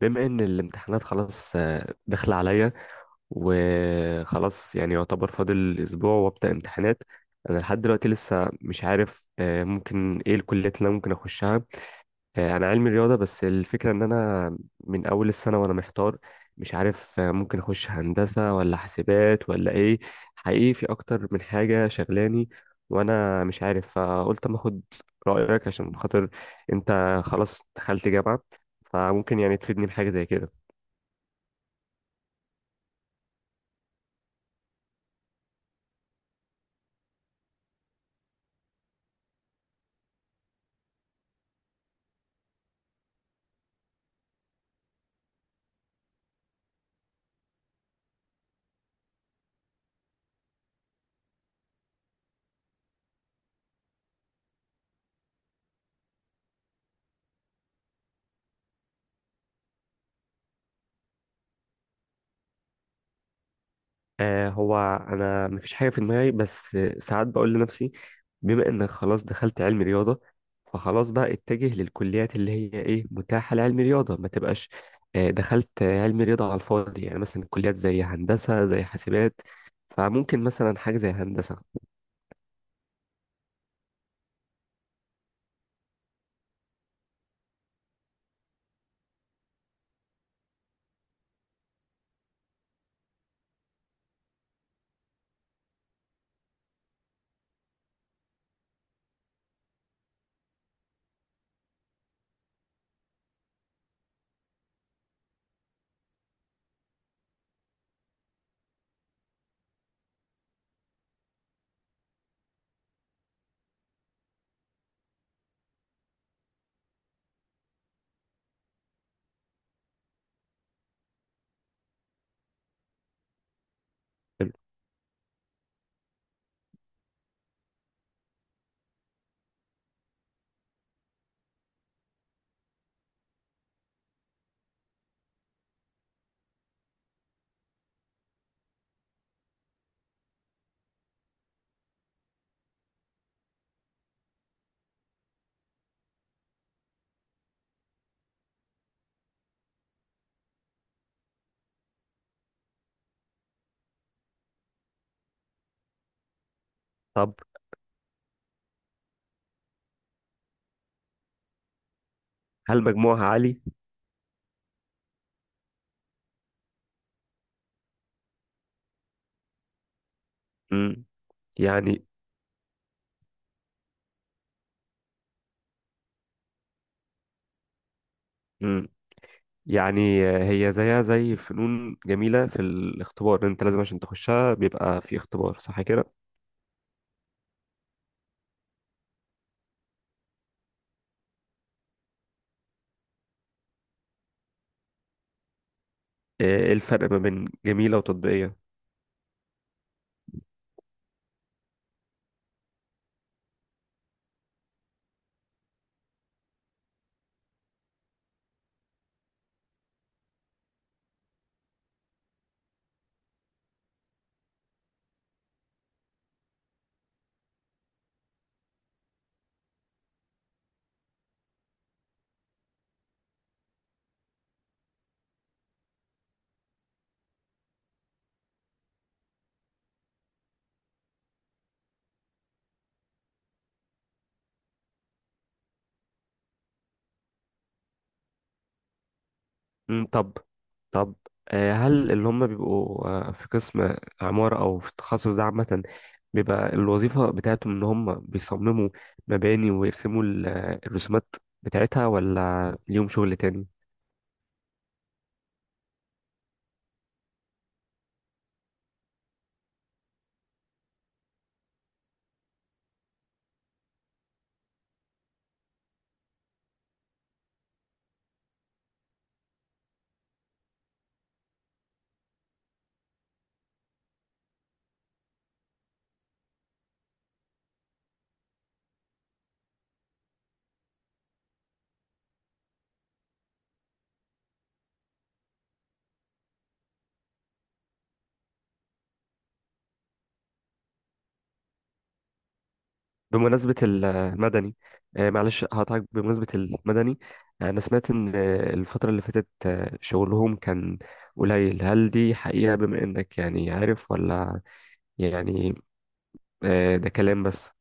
بما ان الامتحانات خلاص داخله عليا. وخلاص يعني يعتبر فاضل اسبوع وابدا امتحانات. انا لحد دلوقتي لسه مش عارف ممكن ايه الكليات اللي انا ممكن اخشها. انا علمي رياضه، بس الفكره ان انا من اول السنه وانا محتار. مش عارف ممكن اخش هندسه ولا حاسبات ولا ايه. حقيقي في اكتر من حاجه شغلاني وانا مش عارف، فقلت اما اخد رايك، عشان خاطر انت خلاص دخلت جامعه، فممكن يعني تفيدني بحاجه زي كده. هو انا مفيش حاجه في دماغي، بس ساعات بقول لنفسي بما انك خلاص دخلت علم رياضه فخلاص بقى اتجه للكليات اللي هي ايه متاحه لعلم رياضه، ما تبقاش دخلت علم رياضه على الفاضي. يعني مثلا كليات زي هندسه زي حاسبات، فممكن مثلا حاجه زي هندسه. طب، هل مجموعها عالي؟ مم. يعني. مم. يعني هي زيها زي فنون جميله في الاختبار، انت لازم عشان تخشها بيبقى في اختبار، صح كده؟ ايه الفرق ما بين جميلة وتطبيقية؟ مم، طب. طب هل اللي هم بيبقوا في قسم عمارة أو في التخصص ده عامة، بيبقى الوظيفة بتاعتهم إن هم بيصمموا مباني ويرسموا الرسومات بتاعتها، ولا ليهم شغل تاني؟ بمناسبة المدني معلش هقطعك بمناسبة المدني. أنا سمعت إن الفترة اللي فاتت شغلهم كان قليل. هل دي حقيقة بما إنك يعني عارف، ولا يعني ده كلام بس؟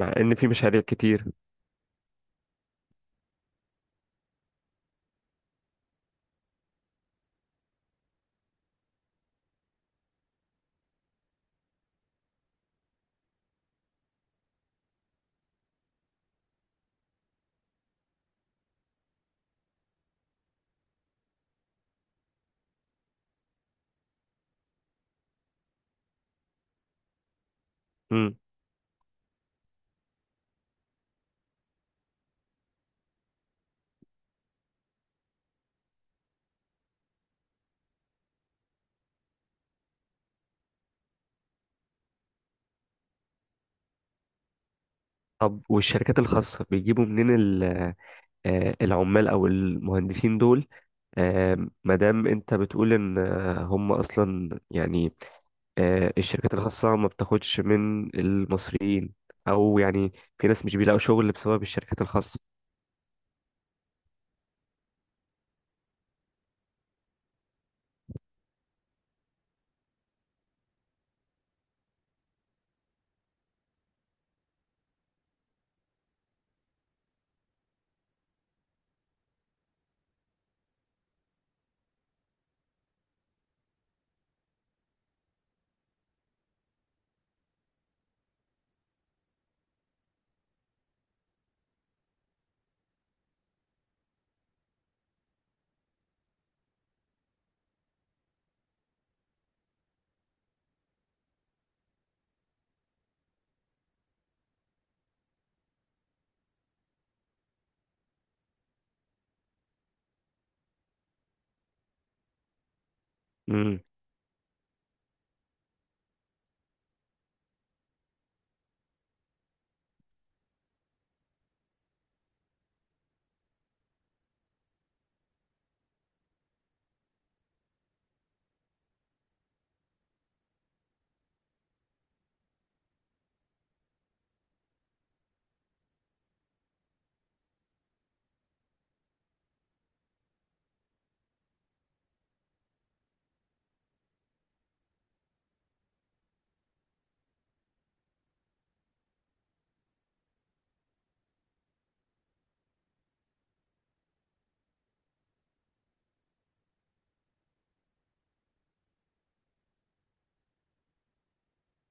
مع ان في مشاريع كتير. امم. طب والشركات الخاصة بيجيبوا منين العمال او المهندسين دول؟ ما دام انت بتقول ان هم اصلا يعني الشركات الخاصة ما بتاخدش من المصريين، او يعني في ناس مش بيلاقوا شغل بسبب الشركات الخاصة.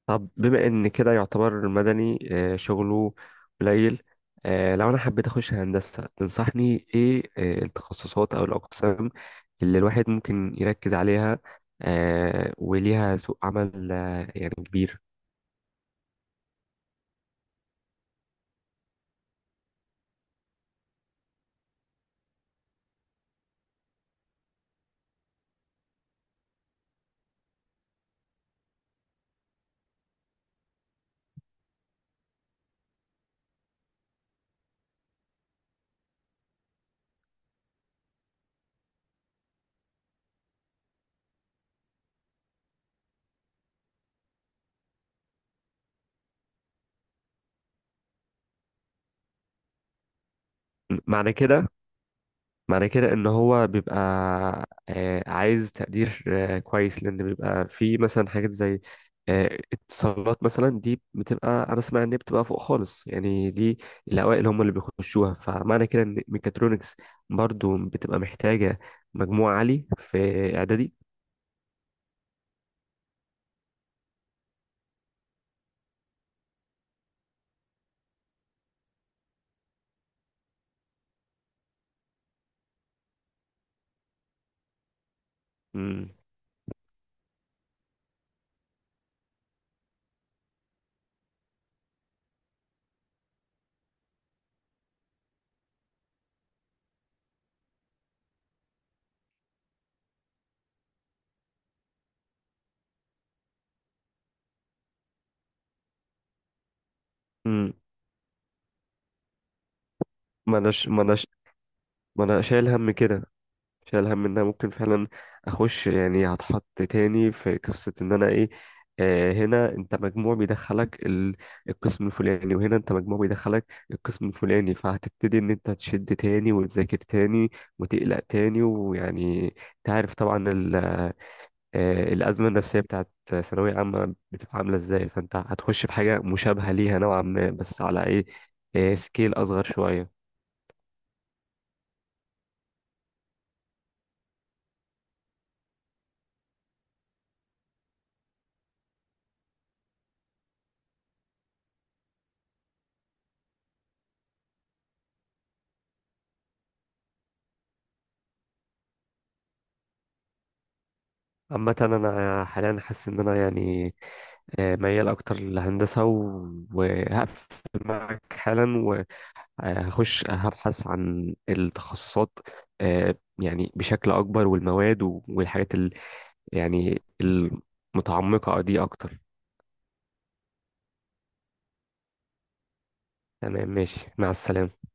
طب بما ان كده يعتبر مدني شغله قليل، لو انا حبيت اخش هندسة تنصحني ايه التخصصات او الاقسام اللي الواحد ممكن يركز عليها وليها سوق عمل يعني كبير؟ معنى كده معنى كده ان هو بيبقى عايز تقدير كويس، لان بيبقى في مثلا حاجات زي اتصالات، مثلا دي بتبقى انا اسمع ان هي بتبقى فوق خالص، يعني دي الاوائل هم اللي بيخشوها. فمعنى كده ان ميكاترونكس برضو بتبقى محتاجة مجموع عالي في اعدادي. امم امم ما اناش ما انا شايل هم كده، شايل هم انها ممكن فعلا اخش، يعني هتحط تاني في قصة ان انا ايه. هنا انت مجموع بيدخلك القسم الفلاني، وهنا انت مجموع بيدخلك القسم الفلاني، فهتبتدي ان انت تشد تاني وتذاكر تاني وتقلق تاني، ويعني انت عارف طبعا الازمة النفسية بتاعت ثانوية عامة بتبقى عاملة ازاي، فانت هتخش في حاجة مشابهة ليها نوعا ما، بس على ايه، سكيل اصغر شوية. عامة أنا حاليا حاسس إن أنا يعني ميال اكتر للهندسه، وهقفل معك حالا، وهخش هبحث عن التخصصات آه، يعني بشكل اكبر، والمواد والحاجات يعني المتعمقه دي اكتر. تمام، ماشي، مع السلامه.